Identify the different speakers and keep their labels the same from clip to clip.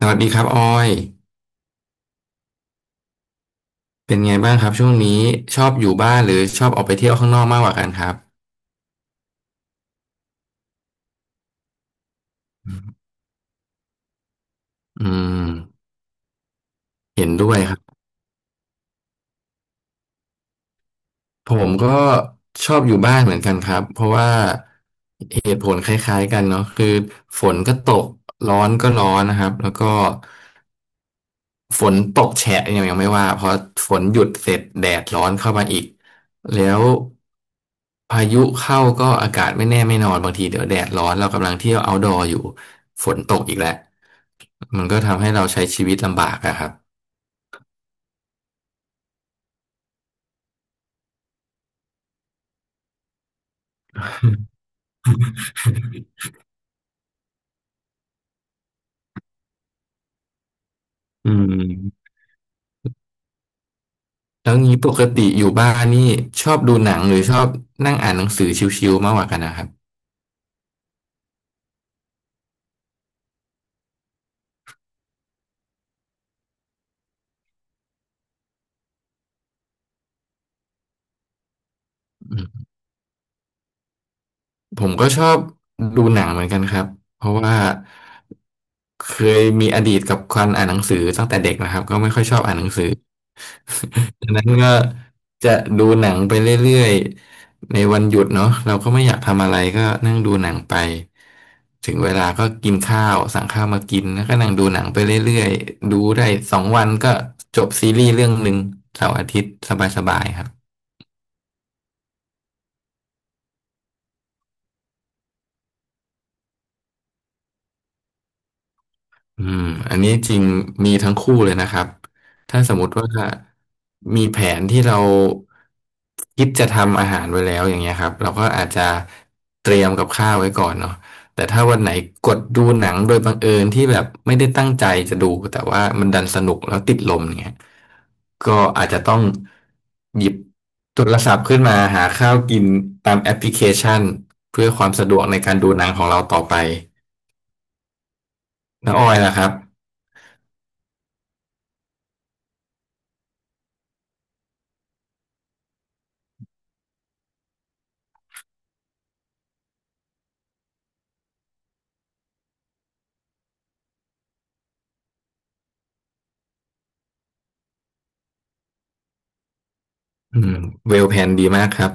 Speaker 1: สวัสดีครับออยเป็นไงบ้างครับช่วงนี้ชอบอยู่บ้านหรือชอบออกไปเที่ยวข้างนอกมากกว่ากันครับอืมเห็นด้วยครับผมก็ชอบอยู่บ้านเหมือนกันครับเพราะว่าเหตุผลคล้ายๆกันเนาะคือฝนก็ตกร้อนก็ร้อนนะครับแล้วก็ ฝนตกแฉะยังไม่ว่าเพราะฝนหยุดเสร็จแดดร้อนเข้ามาอีกแล้วพายุเข้าก็อากาศไม่แน่ไม่นอนบางทีเดี๋ยวแดดร้อนเรากำลังเที่ยว outdoor อยู่ฝนตกอีกแล้วมันก็ทำให้เราใช้ชีวิตลำบากอะครับอืมแล้วงี้ปกติอยู่บ้านนี่ชอบดูหนังหรือชอบนั่งอ่านหนังสือชิวๆมากกว่ากันนะครับ ผมก็ชอบดูหนังเหมือนกันครับเพราะว่าเคยมีอดีตกับการอ่านหนังสือตั้งแต่เด็กนะครับก็ไม่ค่อยชอบอ่านหนังสือ ดังนั้นก็จะดูหนังไปเรื่อยๆในวันหยุดเนาะเราก็ไม่อยากทำอะไรก็นั่งดูหนังไปถึงเวลาก็กินข้าวสั่งข้าวมากินแล้วก็นั่งดูหนังไปเรื่อยๆดูได้สองวันก็จบซีรีส์เรื่องหนึ่งเสาร์อาทิตย์สบายๆครับ อืมอันนี้จริงมีทั้งคู่เลยนะครับถ้าสมมติว่ามีแผนที่เราคิดจะทำอาหารไว้แล้วอย่างเงี้ยครับเราก็อาจจะเตรียมกับข้าวไว้ก่อนเนาะแต่ถ้าวันไหนกดดูหนังโดยบังเอิญที่แบบไม่ได้ตั้งใจจะดูแต่ว่ามันดันสนุกแล้วติดลมอย่างเงี้ยก็อาจจะต้องหยิบโทรศัพท์ขึ้นมาหาข้าวกินตามแอปพลิเคชันเพื่อความสะดวกในการดูหนังของเราต่อไปแล้วออยล่ะครับ อืมเวลแพนดีมากครับ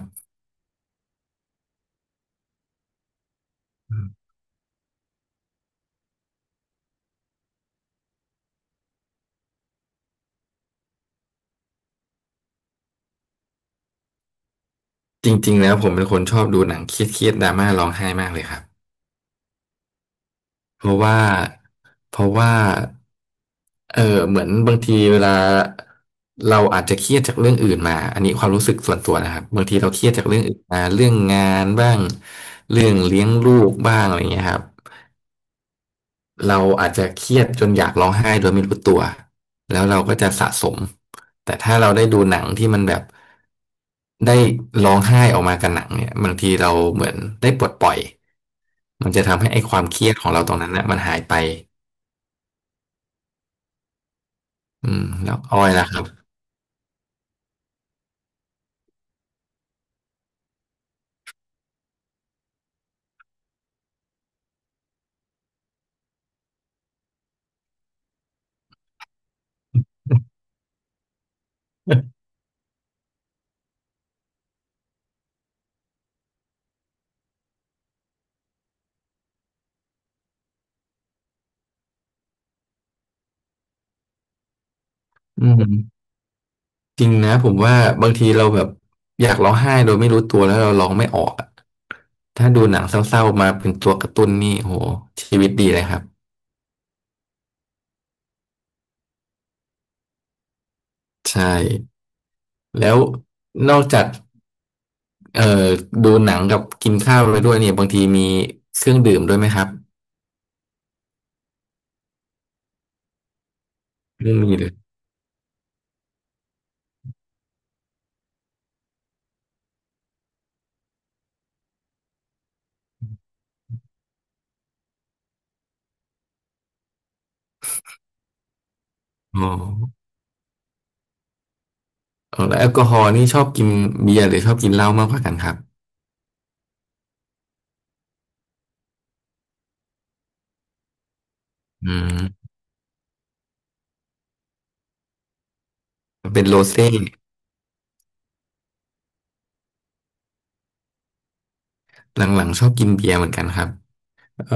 Speaker 1: จริงๆแล้วผมเป็นคนชอบดูหนังเครียดดราม่าร้องไห้มากเลยครับเพราะว่าเพราะว่าเออเหมือนบางทีเวลาเราอาจจะเครียดจากเรื่องอื่นมาอันนี้ความรู้สึกส่วนตัวนะครับบางทีเราเครียดจากเรื่องอื่นมาเรื่องงานบ้างเรื่องเลี้ยงลูกบ้างอะไรอย่างเงี้ยครับเราอาจจะเครียดจนอยากร้องไห้โดยไม่รู้ตัวแล้วเราก็จะสะสมแต่ถ้าเราได้ดูหนังที่มันแบบ ได้ร้องไห้ออกมากับหนังเนี่ยบางทีเราเหมือนได้ปลดปล่อยมันจะทำให้ไอ้ความเครียดของเราตรงนั้นนะมันหายไปอืมแล้วอ้อยล่ะครับ อืมจริงนะผมว่าบางทีเราแบบอยากร้องไห้โดยไม่รู้ตัวแล้วเราร้องไม่ออกอะถ้าดูหนังเศร้าๆมาเป็นตัวกระตุ้นนี่โหชีวิตดีเลยครับใช่แล้วนอกจากเอ่อดูหนังกับกินข้าวไปด้วยเนี่ยบางทีมีเครื่องดื่มด้วยไหมครับไม่มีเลยอ๋อ อ๋อแล้วแอลกอฮอล์นี่ชอบกินเบียร์หรือชอบกินเหล้ามากกว่ากันครับอืมเป็นโรเซ่หลังๆชอบกินเบียร์เหมือนกันครับเอ่อ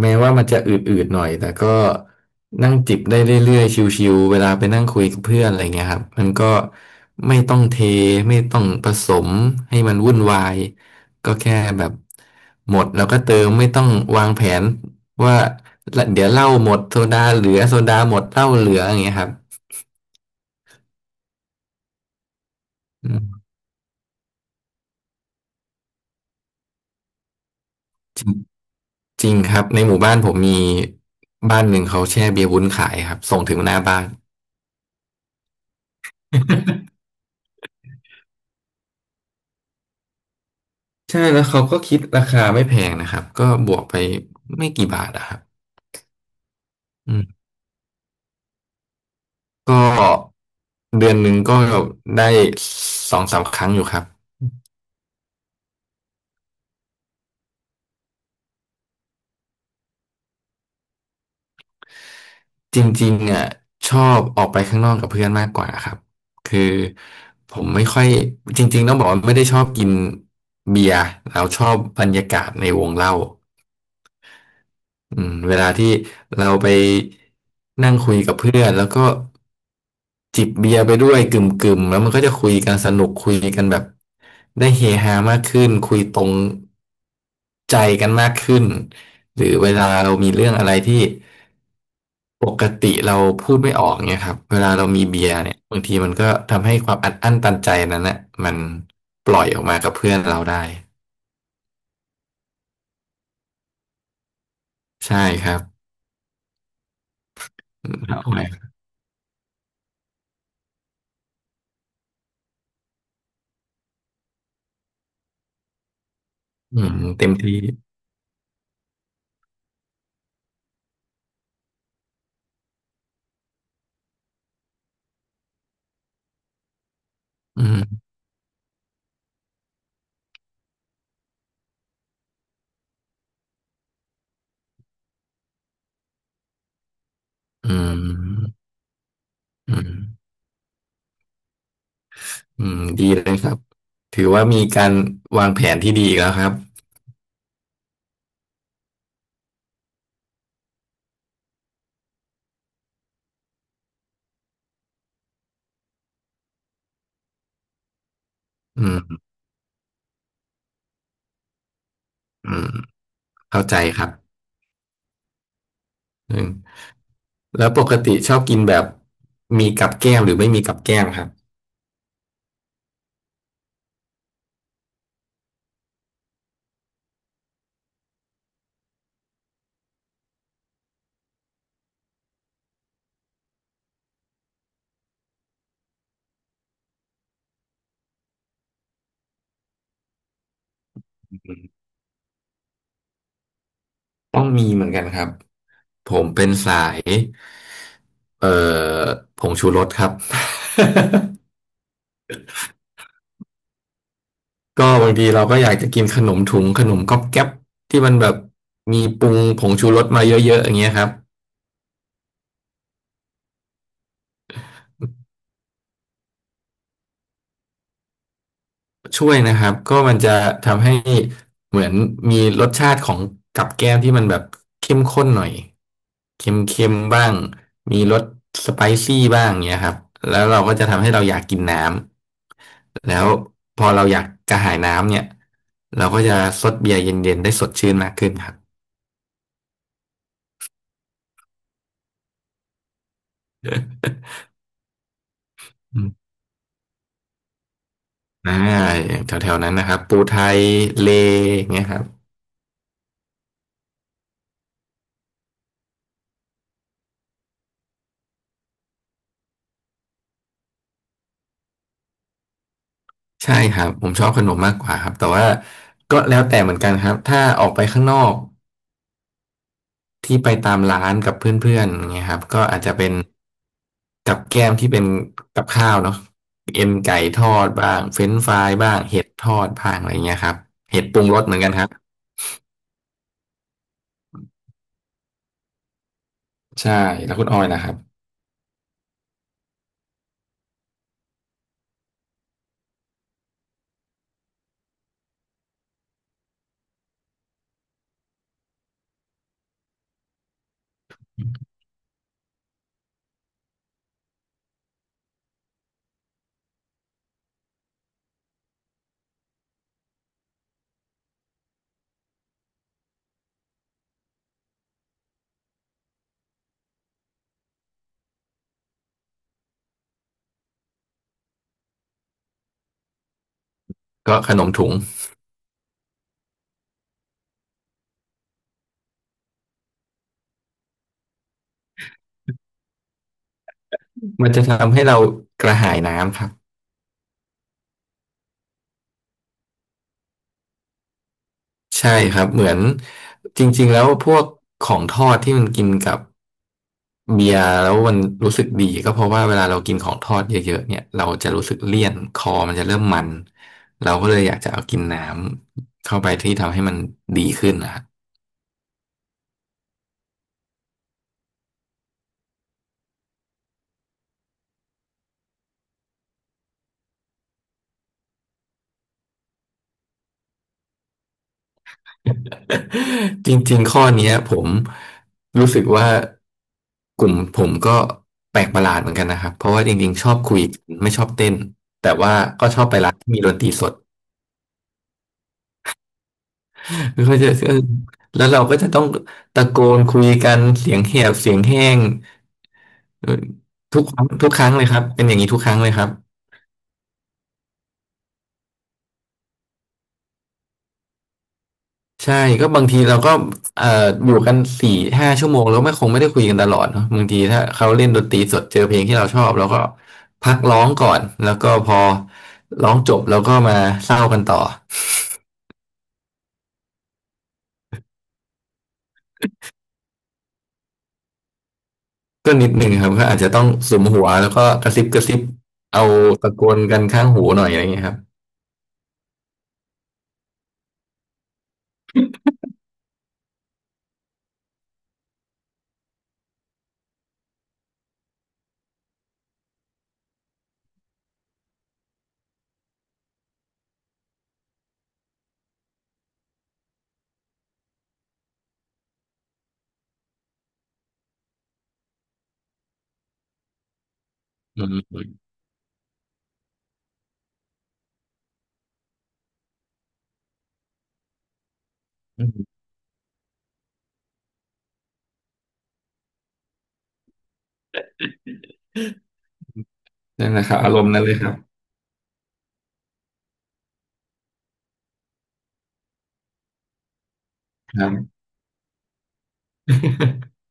Speaker 1: แม้ว่ามันจะอืดๆหน่อยแต่ก็นั่งจิบได้เรื่อยๆชิวๆเวลาไปนั่งคุยกับเพื่อนอะไรเงี้ยครับมันก็ไม่ต้องเทไม่ต้องผสมให้มันวุ่นวายก็แค่แบบหมดแล้วก็เติมไม่ต้องวางแผนว่าเดี๋ยวเหล้าหมดโซดาเหลือโซดาหมดเหล้าเหลืออย่างเงี้ยครับอืม จริงครับในหมู่บ้านผมมีบ้านหนึ่งเขาแช่เบียร์วุ้นขายครับส่งถึงหน้าบ้าน ใช่แล้วเขาก็คิดราคาไม่แพงนะครับก็บวกไปไม่กี่บาทอะครับอืมก็เดือนหนึ่งก็ได้สองสามครั้งอยู่ครับจริงๆอ่ะชอบออกไปข้างนอกกับเพื่อนมากกว่าครับคือผมไม่ค่อยจริงๆต้องบอกว่าไม่ได้ชอบกินเบียร์แล้วชอบบรรยากาศในวงเล่า อืมเวลาที่เราไปนั่งคุยกับเพื่อนแล้วก็จิบเบียร์ไปด้วยกึ่มกึ่มแล้วมันก็จะคุยกันสนุกคุยกันแบบได้เฮฮามากขึ้นคุยตรงใจกันมากขึ้นหรือเวลาเรามีเรื่องอะไรที่ปกติเราพูดไม่ออกเนี่ยครับเวลาเรามีเบียร์เนี่ยบางทีมันก็ทำให้ความอัดอั้นตันใจนั้นนะมันปล่อยออกมากับเพื่อนเราได้ใช่ครับอืมครับผมอืมเต็มที่อืมอืม อืมดีเลยครับถือว่ามีการวางแผนที่ดีอีกแล้วครับอืมอืมเข้าใจครับอืมแล้วปกติชอบกินแบบมีกับแก้มหรือไม่มีกับแก้มครับอืมต้องมีเหมือนกันครับผมเป็นสายเอ่อผงชูรสครับ ก็บางทีเราก็อยากจะกินขนมถุงขนมก๊อบแก๊บที่มันแบบมีปรุงผงชูรสมาเยอะๆอย่างเงี้ยครับ ช่วยนะครับก็มันจะทำให้เหมือนมีรสชาติของกับแก้มที่มันแบบเข้มข้นหน่อยเค็มๆบ้างมีรสสไปซี่บ้างเงี้ยครับแล้วเราก็จะทำให้เราอยากกินน้ำแล้วพอเราอยากกระหายน้ำเนี่ยเราก็จะซดเบียร์เย็นๆได้สดชื่นมากขึ้นครับอืมอ่าอย่างแถวๆนั้นนะครับปูไทยเลอย่างเงี้ยครับใช่ครับผมชอบขนมมากกว่าครับแต่ว่าก็แล้วแต่เหมือนกันครับถ้าออกไปข้างนอก ที่ไปตามร้านกับเพื่อนๆอย่างเงี้ยครับก็อาจจะเป็นกับแก้มที่เป็นกับข้าวเนาะเอ็นไก่ทอดบ้างเฟรนช์ฟรายบ้างเห็ดทอดบ้างอะไรเงี้ยครับเห็ดปรุงรสเหมือนกันครับใช่แล้วคุณอ้อยนะครับก็ขนมถุง มันจะทำให้เรากระหายน้ำครับ ใช่ครับเหมือนจริงๆแล้วพวกของทอดที่มันกินกับ เบียร์แล้วมันรู้สึกดีก็เพราะว่าเวลาเรากินของทอดเยอะๆเนี่ยเราจะรู้สึกเลี่ยนคอมันจะเริ่มมันเราก็เลยอยากจะเอากินน้ำเข้าไปที่ทำให้มันดีขึ้นนะ ครับ จริงๆข้อเนี้ยผมรู้สึกว่ากลุ่มผมก็แปลกประหลาดเหมือนกันนะครับเพราะว่าจริงๆชอบคุยไม่ชอบเต้นแต่ว่าก็ชอบไปร้านที่มีดนตรีสด ก็จะก็แล้วเราก็จะต้องตะโกนคุยกันเสียงแหบเสียงแห้งเออทุกครั้งเลยครับเป็นอย่างนี้ทุกครั้งเลยครับใช่ก็บางทีเราก็เอ่ออยู่กัน4-5 ชั่วโมงแล้วไม่คงไม่ได้คุยกันตลอดเนอะบางทีถ้าเขาเล่นดนตรีสดเจอเพลงที่เราชอบเราก็พักร้องก่อนแล้วก็พอร้องจบเราก็มาเศร้ากันต่อก็นิดหนึ่งครับก็อาจจะต้องสุมหัวแล้วก็กระซิบกระซิบเอาตะโกนกันข้างหูหน่อยอะไรอย่างเงี้ยครับอืม นั่นแหละครับอารมณ์นั้นเลยครับครับ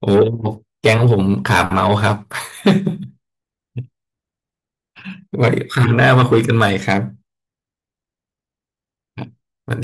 Speaker 1: โอ้แก๊งผมขาเมาครับ ไว้คราวหน้ามาคุยกันใหม่ครับ